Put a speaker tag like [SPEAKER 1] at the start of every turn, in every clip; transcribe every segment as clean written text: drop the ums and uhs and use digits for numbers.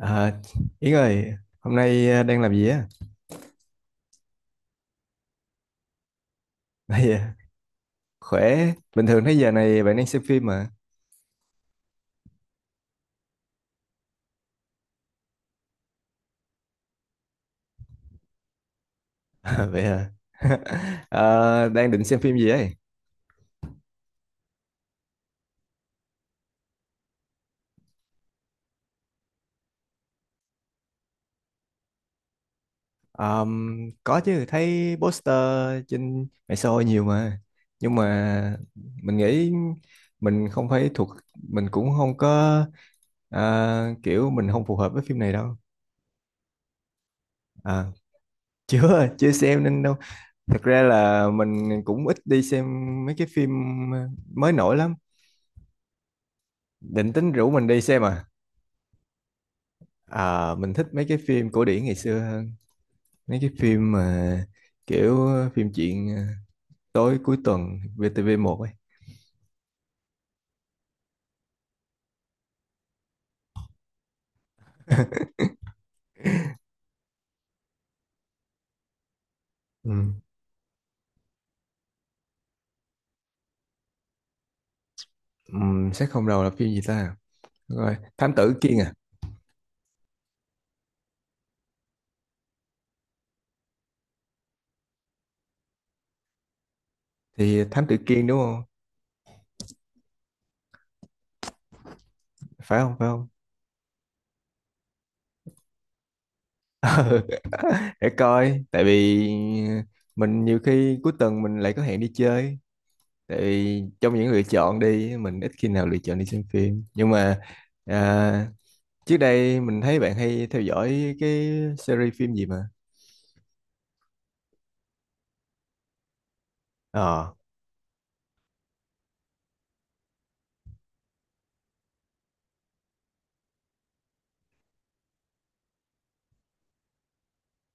[SPEAKER 1] À, Yến ơi, hôm nay đang làm gì á? Đây, à, khỏe. Bình thường thấy giờ này bạn đang xem phim mà. À, vậy à? Ờ, đang định xem phim gì ấy? Ờm, có chứ, thấy poster trên mạng xã hội nhiều mà. Nhưng mà mình nghĩ mình không phải thuộc, mình cũng không có kiểu mình không phù hợp với phim này đâu. À, chưa, chưa xem nên đâu. Thật ra là mình cũng ít đi xem mấy cái phim ờ, mới nổi lắm định tính rủ mình đi xem à à mình thích mấy cái phim cổ điển ngày xưa hơn mấy cái phim mà kiểu phim chuyện tối cuối tuần vtv một ấy ừ. Ừ, xét không đầu là phim gì ta. Đúng rồi, Thám tử Kiên à, thì Thám tử Kiên đúng không, phải không phải không? Để coi tại vì à, mình nhiều khi cuối tuần mình lại có hẹn đi chơi, tại vì trong những lựa chọn đi mình ít khi nào lựa chọn đi xem phim. Nhưng mà à, trước đây mình thấy bạn hay theo dõi cái series phim gì mà. Ờ,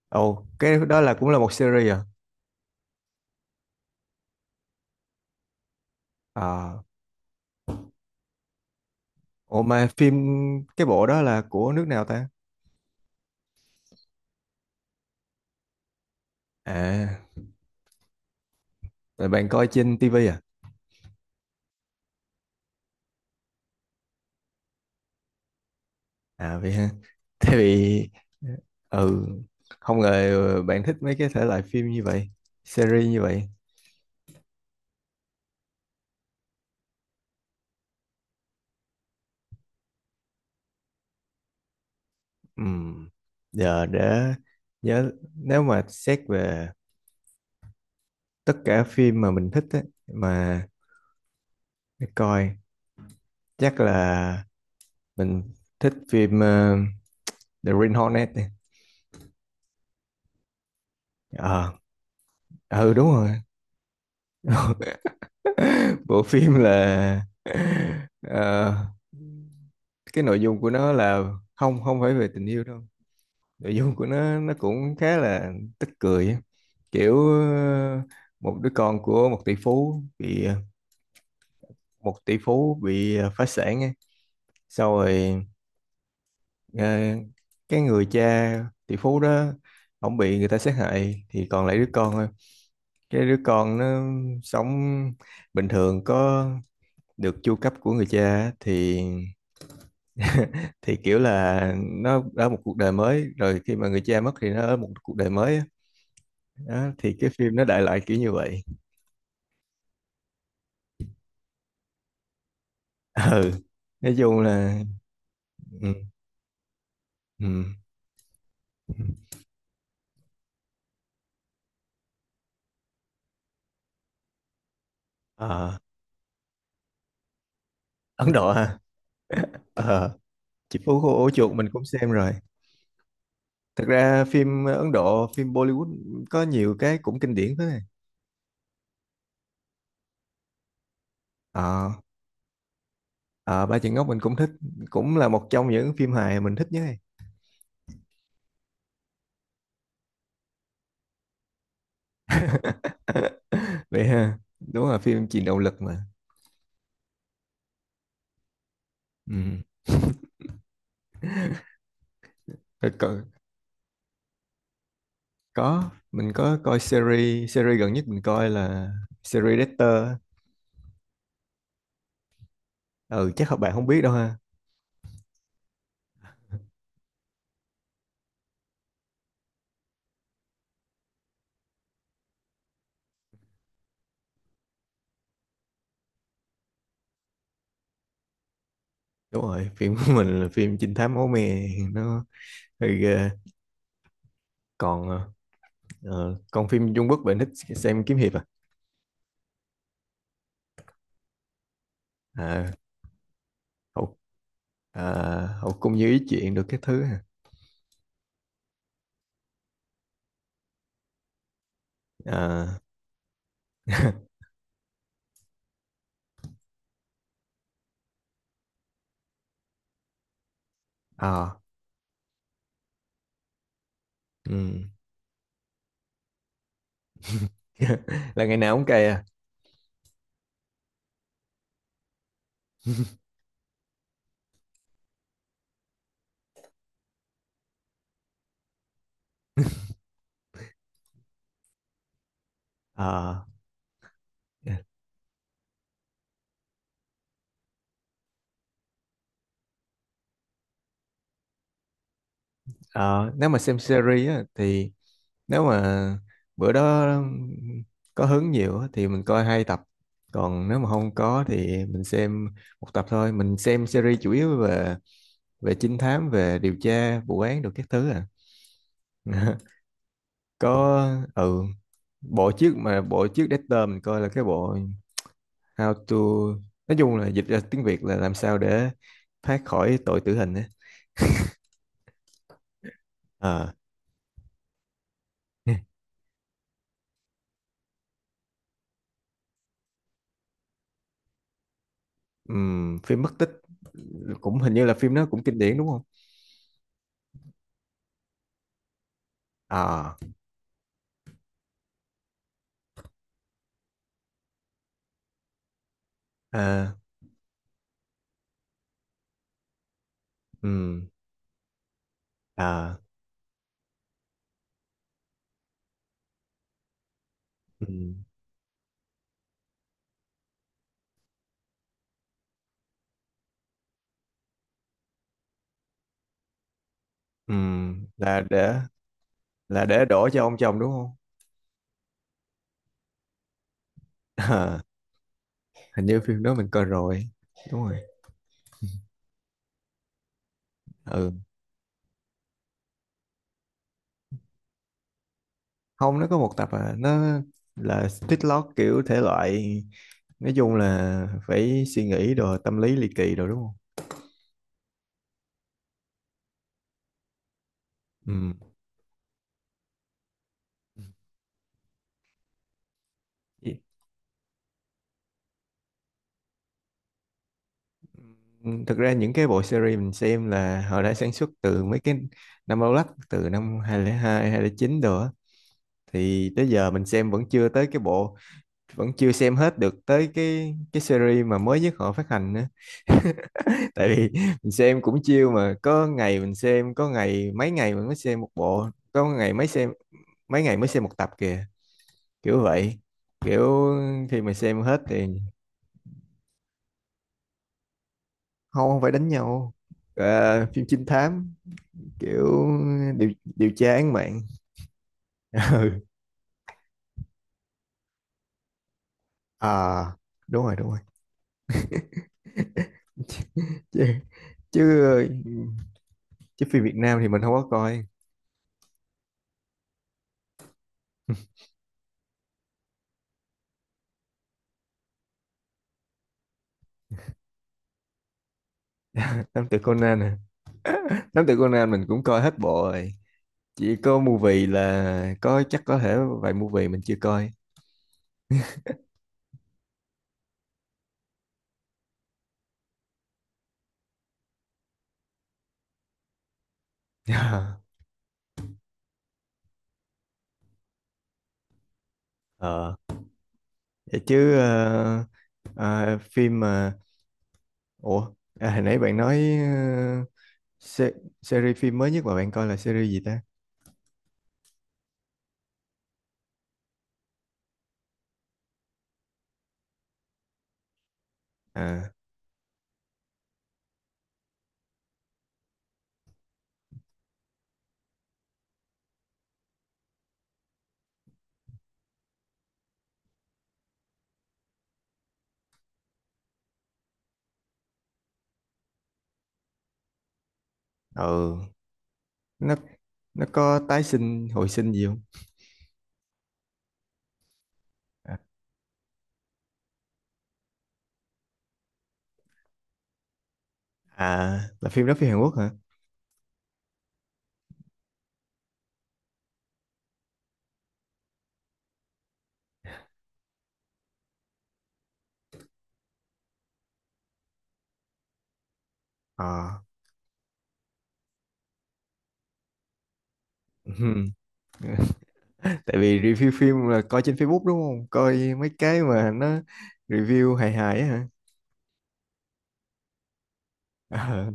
[SPEAKER 1] ồ, cái đó là cũng là một series à? Ờ, ồ mà phim cái bộ đó là của nước nào ta? À, là bạn coi trên tivi à? À vậy ha. Thế vì ừ, không ngờ bạn thích mấy cái thể loại phim như vậy, series như vậy. Ừm, Giờ để nhớ nếu mà xét về tất cả phim mà mình thích á, mà để coi chắc là mình thích phim The Green Hornet này. Ờ, ừ đúng rồi. Bộ phim là ờ, cái nội dung của nó là không không phải về tình yêu đâu. Nội dung của nó cũng khá là tức cười á. Kiểu một đứa con của một tỷ phú bị phá sản á. Sau rồi ờ, cái người cha tỷ phú đó ổng bị người ta sát hại thì còn lại đứa con, cái đứa con nó sống bình thường có được chu cấp của người cha á, thì thì kiểu là nó ở một cuộc đời mới rồi khi mà người cha mất thì nó ở một cuộc đời mới á. Đó, thì cái phim nó đại loại kiểu như vậy. Ừ, nói chung là ừ, ừ. Ờ, Ấn Độ ha. Ờ, Chị Phú Cô Ổ Chuột mình cũng xem rồi, thật ra phim Ấn Độ, phim Bollywood có nhiều cái cũng kinh điển thế này. Ờ. Ờ, Ba Chân Ngốc mình cũng thích, cũng là một trong những phim hài mình thích nhất. Vậy ha, đúng là phim truyền động lực mà ừ. Rồi có mình có coi series, series gần nhất mình coi là series Dexter. Ừ chắc các bạn không biết đâu ha. Đúng rồi phim của mình là phim trinh thám máu me nó hơi ghê. Còn còn phim Trung Quốc bạn thích xem kiếm hiệp à, à hậu à, hậu cung như ý chuyện được cái thứ à, à, à ừ. Là ngày nào cũng cày à? Ờ, ờ, nếu mà xem series á, thì nếu mà bữa đó có hứng nhiều á, thì mình coi hai tập, còn nếu mà không có thì mình xem một tập thôi. Mình xem series chủ yếu về về trinh thám, về điều tra vụ án được các thứ à. Có ừ, bộ trước mà bộ trước Dexter mình coi là cái bộ How to, nói chung là dịch ra tiếng Việt là làm sao để thoát khỏi tội tử hình á. Ờ. Phim mất tích cũng hình như là phim nó cũng kinh điển đúng không? À, à, ừm, à, ừm, ừm, là để là để đổ cho ông chồng đúng không? À, hình như phim đó mình coi rồi, đúng rồi. Ừ, không nó có một tập à, nó là split lock kiểu thể loại, nói chung là phải suy nghĩ đồ tâm lý ly kỳ đồ đúng không? Ừm. Thực ra những cái bộ series mình xem là họ đã sản xuất từ mấy cái năm lâu lắc, từ năm 2002, 2009 đồ á, thì tới giờ mình xem vẫn chưa tới cái bộ, vẫn chưa xem hết được tới cái series mà mới nhất họ phát hành nữa. Tại vì mình xem cũng chiêu mà, có ngày mình xem, có ngày mấy ngày mình mới xem một bộ, có ngày mấy xem mấy ngày mới xem một tập kìa, kiểu vậy, kiểu khi mà xem hết thì không không phải đánh nhau. Ờ, phim trinh thám kiểu điều điều tra án mạng. Ừ à đúng rồi đúng rồi, chứ chứ chứ phim Việt Nam thì mình không có coi. Nam tử Conan nè, Thám tử Conan mình cũng coi hết bộ rồi. Chỉ có movie là có chắc có thể vài movie mình chưa coi. Ờ. Vậy chứ ờ, ờ, phim mà ủa à, hồi nãy bạn nói se series phim mới nhất mà bạn coi là series gì ta? À ừ nó nó có tái sinh hồi sinh gì không? À à, là phim đó phim Hàn Quốc hả? Ờ. Ừm. Tại vì review phim là coi trên Facebook đúng không? Coi mấy cái mà nó review hài hài á hả? Ờ,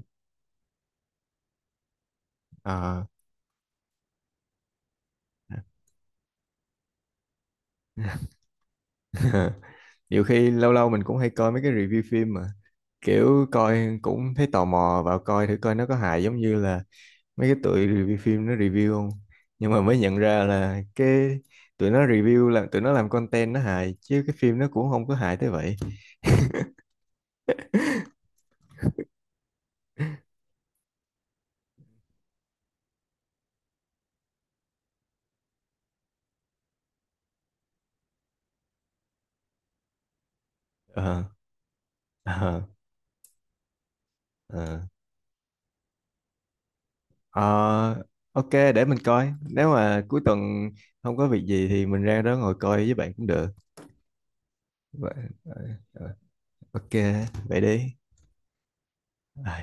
[SPEAKER 1] ờ. Nhiều khi lâu lâu mình cũng hay coi mấy cái review phim mà kiểu coi cũng thấy tò mò vào coi thử coi nó có hài giống như là mấy cái tụi review phim nó review không, nhưng mà mới nhận ra là cái tụi nó review là tụi nó làm content nó hài chứ cái phim nó cũng không có hài tới vậy. Ờ ờ ờ. Ờ, ok để mình coi nếu mà cuối tuần không có việc gì thì mình ra đó ngồi coi với bạn cũng được. Vậy- ờ, ờ, ok vậy đi. Ờ.